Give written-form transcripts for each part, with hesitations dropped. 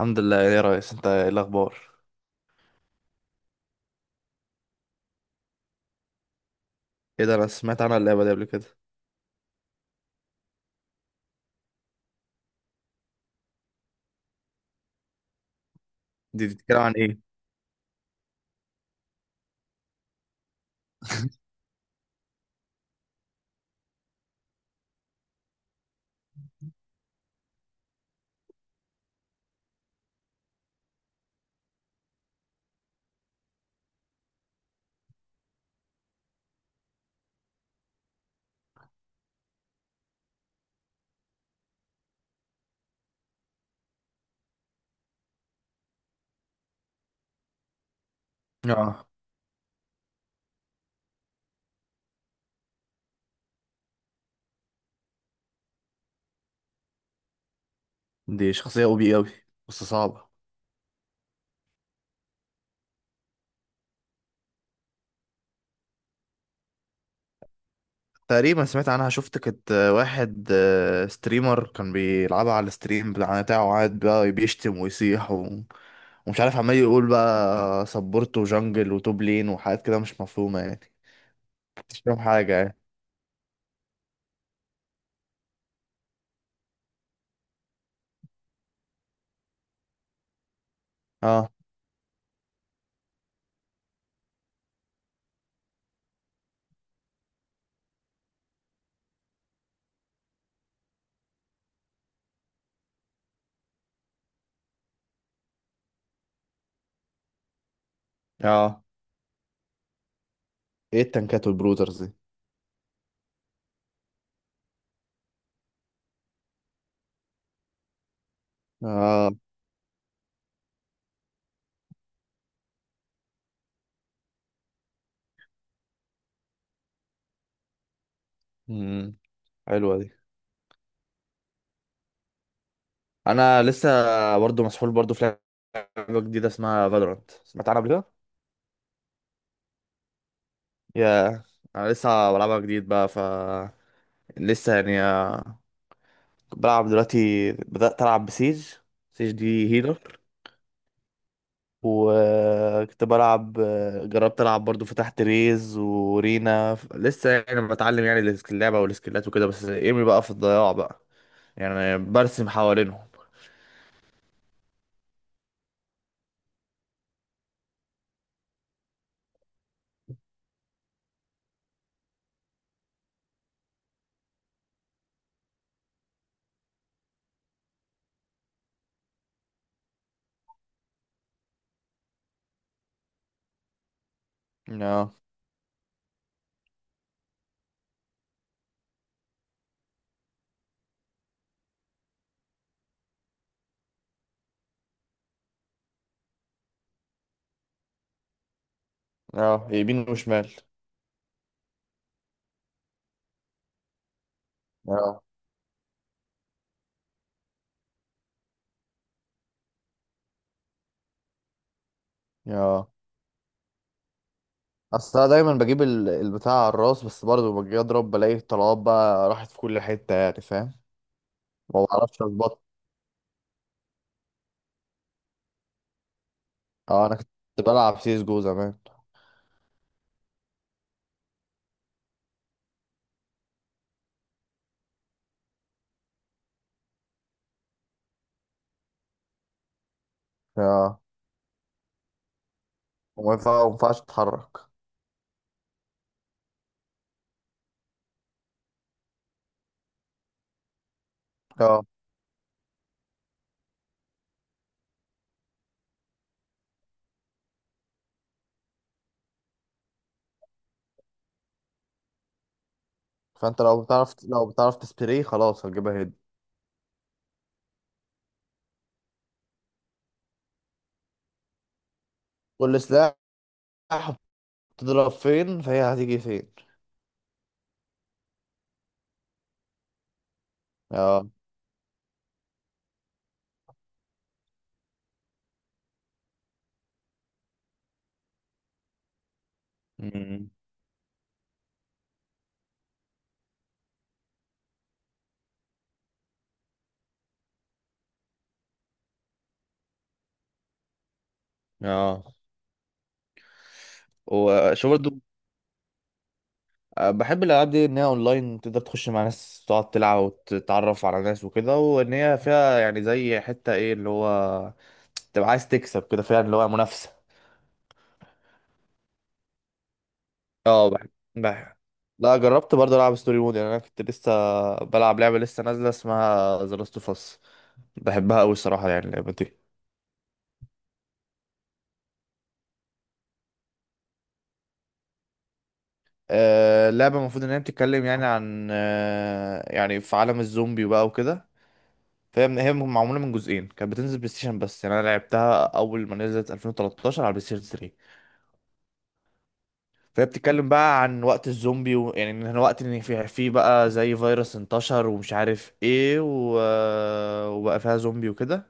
الحمد لله يا ريس، انت ايه الاخبار؟ ايه ده، انا سمعت عنها اللعبه دي قبل كده. دي بتتكلم عن ايه؟ اه، دي شخصيه او بي اوي بس صعبه. تقريبا سمعت عنها، شفت كانت واحد ستريمر كان بيلعبها على الستريم بتاعه، وقعد بقى بيشتم ويصيح ومش عارف، عمال يقول بقى سبورت وجنجل وتوب لين وحاجات كده مش مفهومه يعني. مش فاهم حاجه يعني. اه. اه. ايه التنكات والبروترز دي؟ اه. امم، حلوه دي. انا لسه برضو مسحول، برضو في لعبة جديدة اسمها فالورانت، سمعت عنها قبل كده؟ يا، أنا لسه بلعبها جديد بقى، لسه يعني بلعب دلوقتي، بدأت ألعب بسيج. سيج دي هيلر. وكنت بلعب، جربت ألعب برضو، فتحت ريز ورينا لسه يعني بتعلم يعني اللعبة والسكيلات وكده، بس ايمي بقى في الضياع بقى. يعني برسم حوالينهم. اه. اه، يمين وشمال. اه. اه، اصل انا دايما بجيب البتاع على الراس، بس برضه لما باجي اضرب بلاقي الطلبات بقى راحت في كل حته يعني، فاهم. ما بعرفش اظبط. اه، انا كنت بلعب سيس جو زمان. اه. ما ينفعش تتحرك. اه، فانت لو بتعرف تسبري خلاص هتجيبها هيد. كل سلاح بتضرب فين فهي هتيجي فين. اه. امم. اه. وشو برضه. بحب الالعاب دي ان هي اونلاين، تقدر تخش مع ناس تقعد تلعب وتتعرف على ناس وكده، وان هي فيها يعني زي حته ايه اللي هو، تبقى عايز تكسب كده فعلا، اللي هو منافسه. اه، بحب. بحب. لا، جربت برضه العب ستوري مود يعني. انا كنت لسه بلعب لعبه لسه نازله اسمها ذا لاست اوف اس. بحبها قوي الصراحه، يعني اللعبه دي اللعبه المفروض ان هي بتتكلم يعني عن يعني في عالم الزومبي وبقى وكده. فهي هي معموله من جزئين، كانت بتنزل بلاي ستيشن بس، يعني انا لعبتها اول ما نزلت 2013 على بلاي ستيشن. فهي بتتكلم بقى عن وقت الزومبي يعني ان احنا وقت ان في بقى زي فيروس انتشر ومش عارف ايه وبقى فيها زومبي وكده.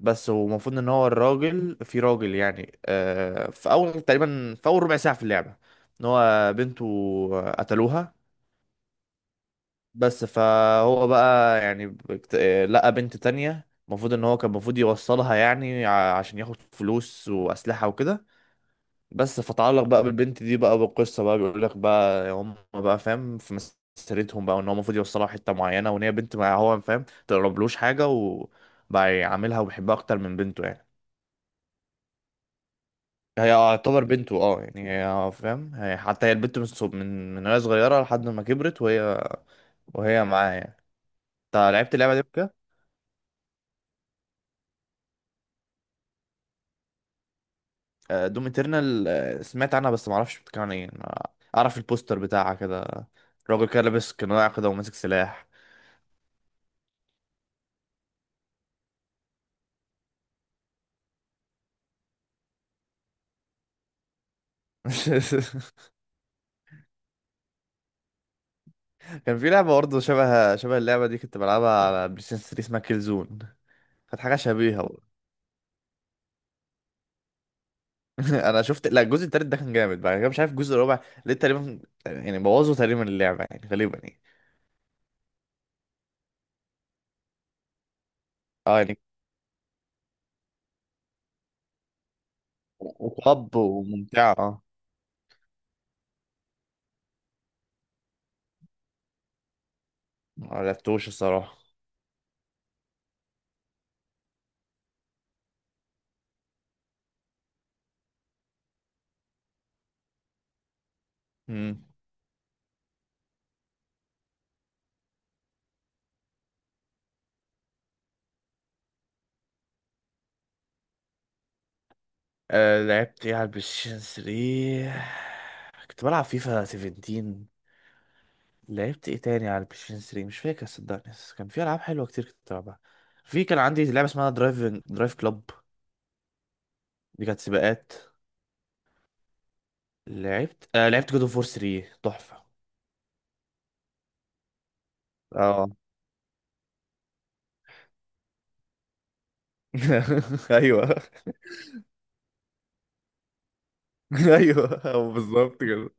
بس، ومفروض ان هو الراجل، في راجل يعني، في اول تقريبا، في اول ربع ساعة في اللعبة، ان هو بنته قتلوها. بس فهو بقى يعني بكت... آه، لقى بنت تانية، المفروض ان هو كان المفروض يوصلها يعني عشان ياخد فلوس واسلحة وكده بس. فتعلق بقى بالبنت دي بقى بالقصه بقى، بيقول لك بقى هم بقى، فاهم، في مسيرتهم بقى، ان هو المفروض يوصلها حته معينه، وان هي بنت ما هو فاهم، تقربلوش حاجه، وبقى يعاملها وبيحبها اكتر من بنته يعني. هي يعتبر بنته اه، يعني هي فاهم، هي حتى هي البنت من وهي صغيره لحد ما كبرت وهي وهي معاه يعني. انت لعبت اللعبه دي بكده؟ دوم اترنال سمعت عنها بس ما اعرفش بتتكلم عن ايه. أنا اعرف البوستر بتاعها كده، راجل كده لابس قناع كده وماسك سلاح. كان في لعبة برضه شبه اللعبة دي كنت بلعبها على بلاي ستيشن 3، اسمها كيل زون. كانت حاجة شبيهة برضه. انا شفت، لا الجزء التالت ده كان جامد، بعد كده مش عارف الجزء الرابع ليه تقريبا، يعني بوظوا تقريبا اللعبة يعني غالبا يعني. اه يعني طب، وممتعة اه. ما لعبتوش الصراحة. مم. آه، لعبت ايه على البلاي ستيشن 3؟ كنت بلعب فيفا 17. لعبت ايه تاني على البلاي ستيشن 3 مش فاكر صدقني، بس كان في العاب حلوه كتير كنت بلعبها. في كان عندي لعبه اسمها درايفنج درايف كلوب، دي كانت سباقات. لعبت آه، لعبت جود اوف وور 3 تحفة. اه. ايوه. ايوه، هو بالظبط كده.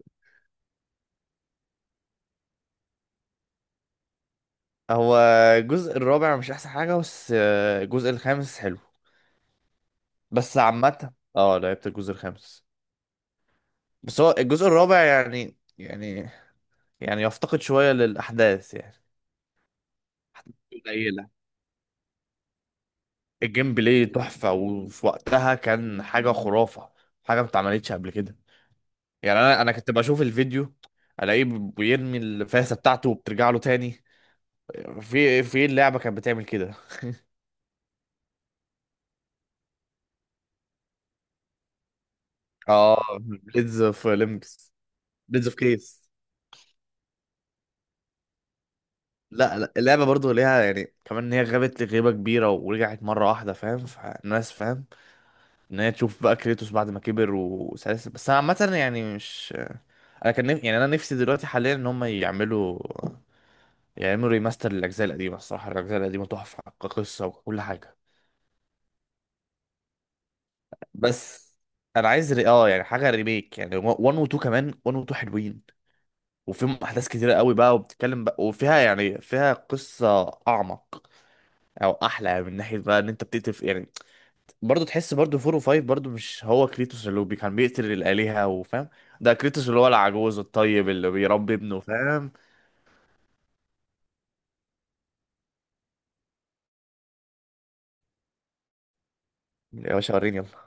هو الجزء الرابع مش احسن حاجة، بس الجزء الخامس حلو. بس عامة، اه لعبت الجزء الخامس، بس هو الجزء الرابع يعني يفتقد شوية للأحداث يعني، أحداث قليلة. الجيم بلاي تحفة وفي وقتها كان حاجة خرافة، حاجة ما اتعملتش قبل كده. يعني أنا كنت بشوف الفيديو ألاقيه بيرمي الفاسة بتاعته وبترجع له تاني. في اللعبه كانت بتعمل كده. اه، بليدز اوف ليمبس، بليدز اوف كيس. لا لا، اللعبه برضو ليها يعني كمان ان هي غابت لغيبه كبيره ورجعت مره واحده، فاهم، فالناس فاهم ان هي تشوف بقى كريتوس بعد ما كبر وسلاسل، بس انا عامه يعني مش، انا كان يعني انا نفسي دلوقتي حاليا ان هم يعملوا، يعملوا ريماستر للاجزاء القديمه الصراحه، الاجزاء القديمه تحفه كقصه وكل حاجه. بس انا عايز ري... اه يعني حاجه ريميك، يعني 1 و 2، كمان 1 و 2 حلوين وفيهم احداث كتيره قوي بقى، وبتتكلم بقى وفيها يعني فيها قصه اعمق او احلى يعني. من ناحيه بقى ان انت بتقتل يعني برضه تحس برضه فور وفايف، برضه مش هو كريتوس اللي هو كان بيقتل الالهه وفاهم. ده كريتوس اللي هو العجوز الطيب اللي بيربي ابنه، فاهم. يا باشا وريني يلا.